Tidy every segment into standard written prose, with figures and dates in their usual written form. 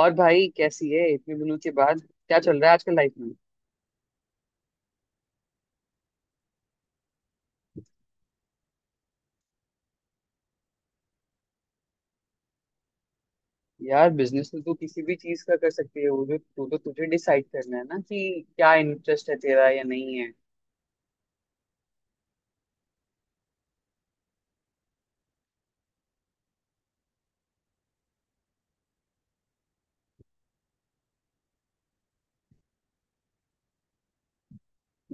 और भाई कैसी है इतने दिनों के बाद? क्या चल रहा है आजकल लाइफ में? यार, बिजनेस तो तू किसी भी चीज का कर सकती है। वो जो तू तो तुझे डिसाइड करना है ना कि क्या इंटरेस्ट है तेरा या नहीं है।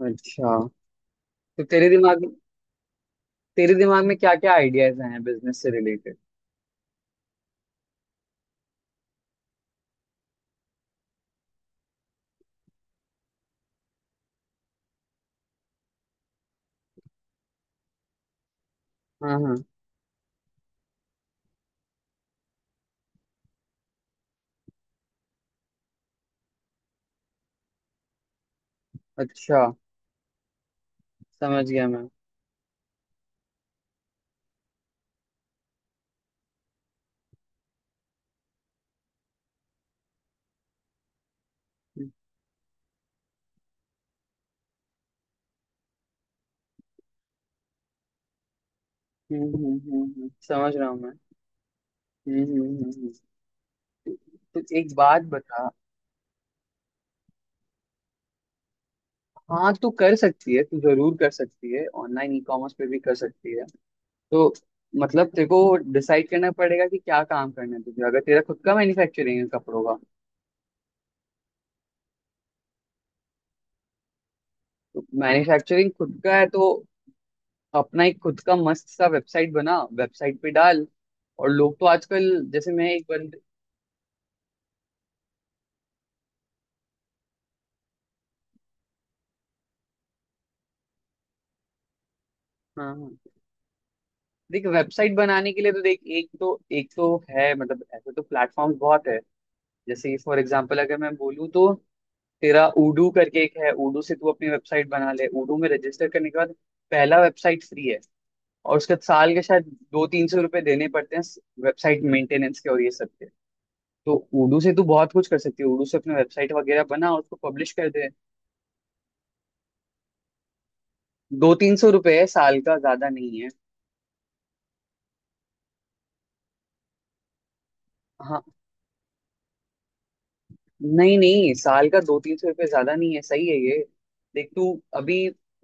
अच्छा, तो तेरे दिमाग में क्या क्या आइडियाज हैं बिजनेस से रिलेटेड? हाँ हाँ। अच्छा। समझ गया मैं। हम्म समझ रहा हूँ मैं। हम्म। हम्म। तो एक बात बता। हाँ, तू कर सकती है, तू जरूर कर सकती है, ऑनलाइन ई कॉमर्स पे भी कर सकती है। तो मतलब तेरे को डिसाइड करना पड़ेगा कि क्या काम करना है तुझे, अगर तेरा खुद का मैन्युफैक्चरिंग है कपड़ों का। तो मैन्युफैक्चरिंग खुद का है तो अपना एक खुद का मस्त सा वेबसाइट बना, वेबसाइट पे डाल। और लोग तो आजकल, जैसे मैं एक बंद। हाँ हाँ। देख, वेबसाइट बनाने के लिए तो देख, एक तो है, मतलब ऐसे तो प्लेटफॉर्म बहुत है। जैसे फॉर एग्जांपल अगर मैं बोलूँ तो, तेरा उडू करके एक है, उडू से तू अपनी वेबसाइट बना ले, उडू में रजिस्टर करने के बाद पहला वेबसाइट फ्री है। और उसके साल के शायद दो तीन सौ रुपए देने पड़ते हैं, वेबसाइट मेंटेनेंस के और ये सब के। तो उर्दू से तू बहुत कुछ कर सकती है, उर्दू से अपने वेबसाइट वगैरह बना और उसको पब्लिश कर दे। दो तीन सौ रुपए है साल का, ज्यादा नहीं है। हाँ। नहीं नहीं, साल का दो तीन सौ रुपये ज्यादा नहीं है, सही है ये। देख तू अभी,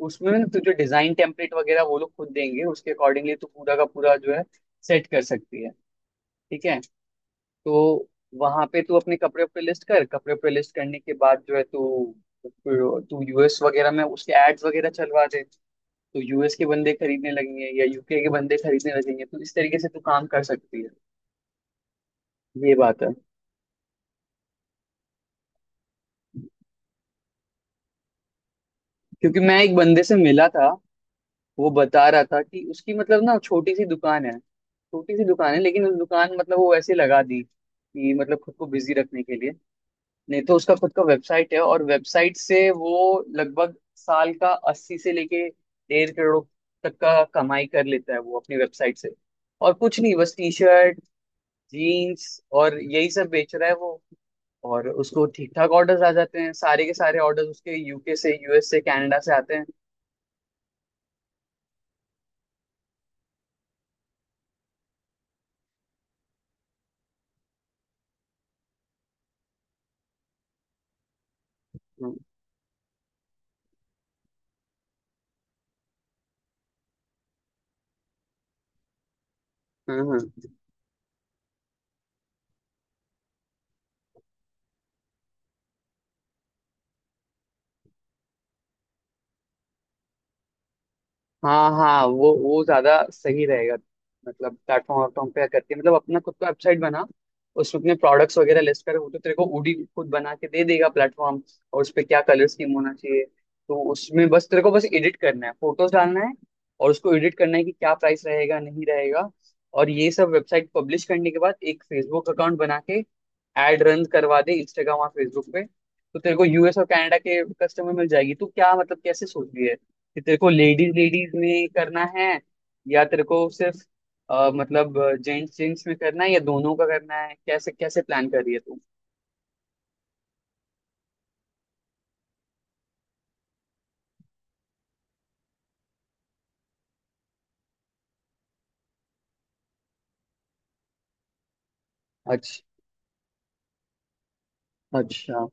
उसमें ना तुझे डिजाइन टेम्पलेट वगैरह वो लोग खुद देंगे, उसके अकॉर्डिंगली तू पूरा का पूरा जो है सेट कर सकती है। ठीक है। तो वहां पे तू अपने कपड़े पे लिस्ट कर, कपड़े पे लिस्ट करने के बाद जो है तू तू यूएस वगैरह में उसके एड्स वगैरह चलवा दे। तो यूएस के बंदे खरीदने लगेंगे या यूके के बंदे खरीदने लगेंगे, तो इस तरीके से तू काम कर सकती है। ये बात है। क्योंकि मैं एक बंदे से मिला था, वो बता रहा था कि उसकी मतलब ना छोटी सी दुकान है, छोटी सी दुकान है लेकिन उस दुकान, मतलब वो ऐसे लगा दी कि मतलब खुद को बिजी रखने के लिए। नहीं तो उसका खुद का वेबसाइट है, और वेबसाइट से वो लगभग साल का अस्सी से लेके डेढ़ करोड़ तक का कमाई कर लेता है, वो अपनी वेबसाइट से। और कुछ नहीं, बस टी शर्ट, जीन्स और यही सब बेच रहा है वो। और उसको ठीक ठाक ऑर्डर्स आ जाते हैं, सारे के सारे ऑर्डर्स उसके यूके से, यूएस से, कनाडा से आते हैं। हम्म हम्म। हाँ हाँ, वो ज्यादा सही रहेगा। मतलब प्लेटफॉर्म वाटफॉर्म पे करके, मतलब अपना खुद का वेबसाइट बना। उसमें अपने प्रोडक्ट्स वगैरह लिस्ट कर, वो तो तेरे को ओडी खुद बना के दे देगा प्लेटफॉर्म। और उस पे क्या कलर स्कीम होना चाहिए, तो उसमें बस तेरे को बस एडिट करना है, फोटोज डालना है, और उसको एडिट करना है कि क्या प्राइस रहेगा नहीं रहेगा। और ये सब वेबसाइट पब्लिश करने के बाद एक फेसबुक अकाउंट बना के एड रन करवा दे इंस्टाग्राम और फेसबुक पे, तो तेरे को यूएस और कनाडा के कस्टमर मिल जाएगी। तू क्या मतलब कैसे सोच रही है, कि तेरे को लेडीज लेडीज में करना है, या तेरे को सिर्फ मतलब जेंट्स जेंट्स में करना है, या दोनों का करना है, कैसे कैसे प्लान कर रही है तू? अच्छा। अच्छा।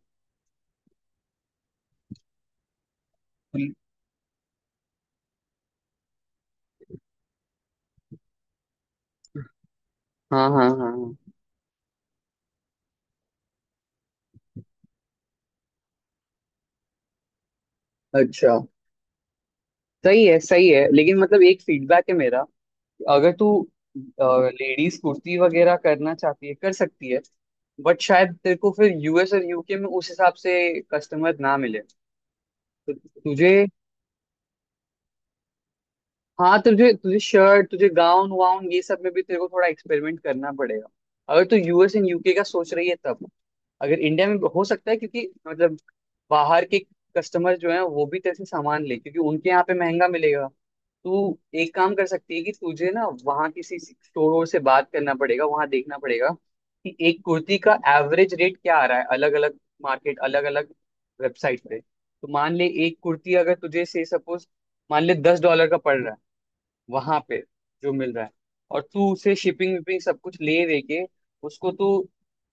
हाँ हाँ हाँ हाँ। अच्छा, सही है सही है, लेकिन मतलब एक फीडबैक है मेरा। अगर तू लेडीज कुर्ती वगैरह करना चाहती है, कर सकती है, बट शायद तेरे को फिर यूएस और यूके में उस हिसाब से कस्टमर ना मिले। तो तुझे, हाँ, तुझे तुझे शर्ट, तुझे गाउन वाउन ये सब में भी तेरे को थोड़ा एक्सपेरिमेंट करना पड़ेगा, अगर तू यूएस एंड यूके का सोच रही है तब। अगर इंडिया में हो सकता है क्योंकि मतलब बाहर के कस्टमर जो है वो भी तेरे से सामान ले, क्योंकि उनके यहाँ पे महंगा मिलेगा। तू एक काम कर सकती है कि तुझे ना वहाँ किसी स्टोर वोर से बात करना पड़ेगा, वहाँ देखना पड़ेगा कि एक कुर्ती का एवरेज रेट क्या आ रहा है अलग अलग मार्केट, अलग अलग वेबसाइट पे। तो मान ले एक कुर्ती अगर तुझे से सपोज, मान ले 10 डॉलर का पड़ रहा है वहां पे जो मिल रहा है, और तू उसे शिपिंग विपिंग सब कुछ ले दे के उसको तू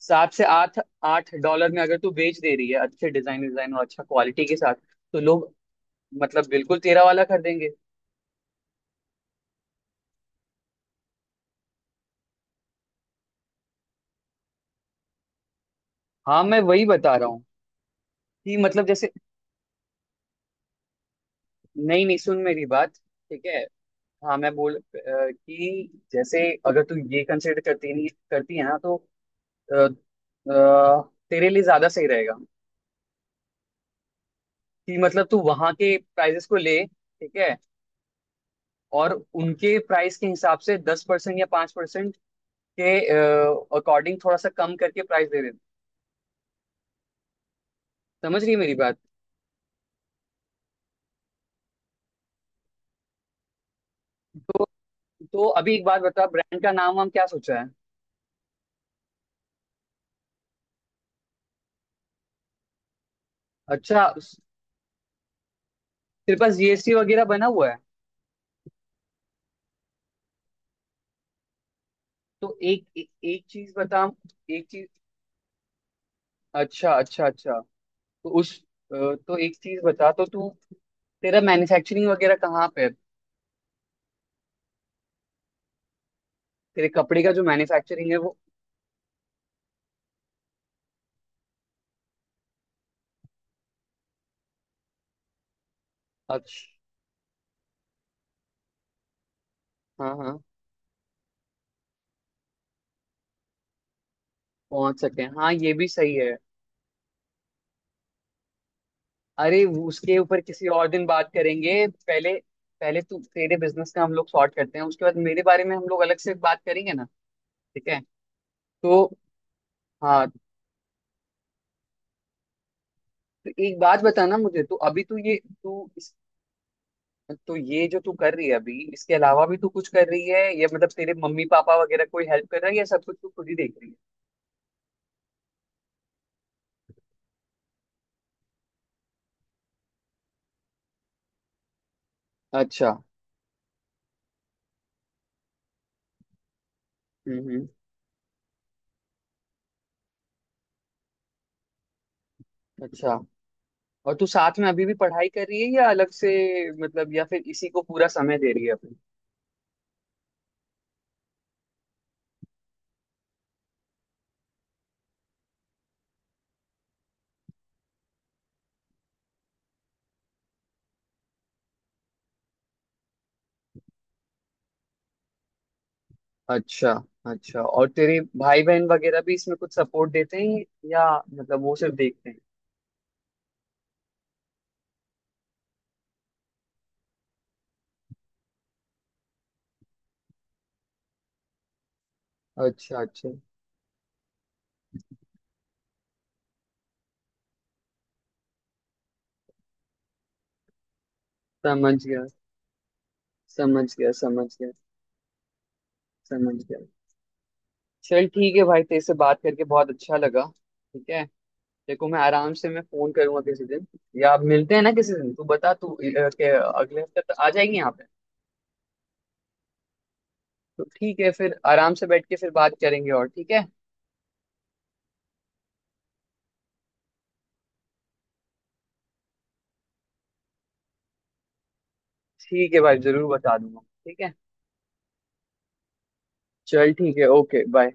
सात से आठ आठ डॉलर में अगर तू बेच दे रही है, अच्छे डिजाइन डिजाइन और अच्छा क्वालिटी के साथ, तो लोग मतलब बिल्कुल तेरा वाला कर देंगे। हाँ मैं वही बता रहा हूँ, कि मतलब जैसे, नहीं नहीं, सुन मेरी बात, ठीक है। हाँ मैं बोल कि जैसे अगर तू ये कंसिडर करती नहीं करती है ना, तो अ, अ, तेरे लिए ज्यादा सही रहेगा, कि मतलब तू वहां के प्राइजेस को ले, ठीक है, और उनके प्राइस के हिसाब से 10% या 5% के अकॉर्डिंग थोड़ा सा कम करके प्राइस दे देते। समझ रही है मेरी बात? तो तो अभी एक बात बता, ब्रांड का नाम वाम क्या सोचा है। अच्छा, तेरे पास जीएसटी वगैरह बना हुआ है। तो एक चीज बता, एक चीज, अच्छा अच्छा अच्छा। तो तो एक चीज बता, तो तू तेरा मैन्युफैक्चरिंग वगैरह कहाँ पे है, तेरे कपड़े का जो मैन्युफैक्चरिंग है वो? अच्छा। हाँ हाँ, पहुंच सके, हाँ ये भी सही है। अरे, उसके ऊपर किसी और दिन बात करेंगे। पहले पहले तू तेरे बिजनेस का हम लोग सॉर्ट करते हैं, उसके बाद मेरे बारे में हम लोग अलग से बात करेंगे ना। ठीक है। तो, हाँ, तो एक बात बताना मुझे, तो अभी तू ये तू इस, तो ये जो तू कर रही है अभी इसके अलावा भी तू कुछ कर रही है, या मतलब तेरे मम्मी पापा वगैरह कोई हेल्प कर रहा है, या सब कुछ तू खुद ही देख रही है। अच्छा। हम्म। अच्छा, और तू साथ में अभी भी पढ़ाई कर रही है या अलग से मतलब, या फिर इसी को पूरा समय दे रही है। अच्छा अच्छा, और तेरे भाई बहन वगैरह भी इसमें कुछ सपोर्ट देते हैं, या मतलब वो सिर्फ देखते हैं। अच्छा। अच्छा, समझ गया, समझ गया, समझ गया, समझ गया। चल, ठीक है भाई, तेरे से बात करके बहुत अच्छा लगा। ठीक है। देखो, मैं आराम से, मैं फोन करूंगा किसी दिन, या आप मिलते हैं ना किसी दिन, तू बता तू अ, के अगले हफ्ते तो आ जाएगी यहाँ पे। तो ठीक है, फिर आराम से बैठ के फिर बात करेंगे और, ठीक है। ठीक है भाई, जरूर बता दूंगा। ठीक है। चल ठीक है, ओके, बाय।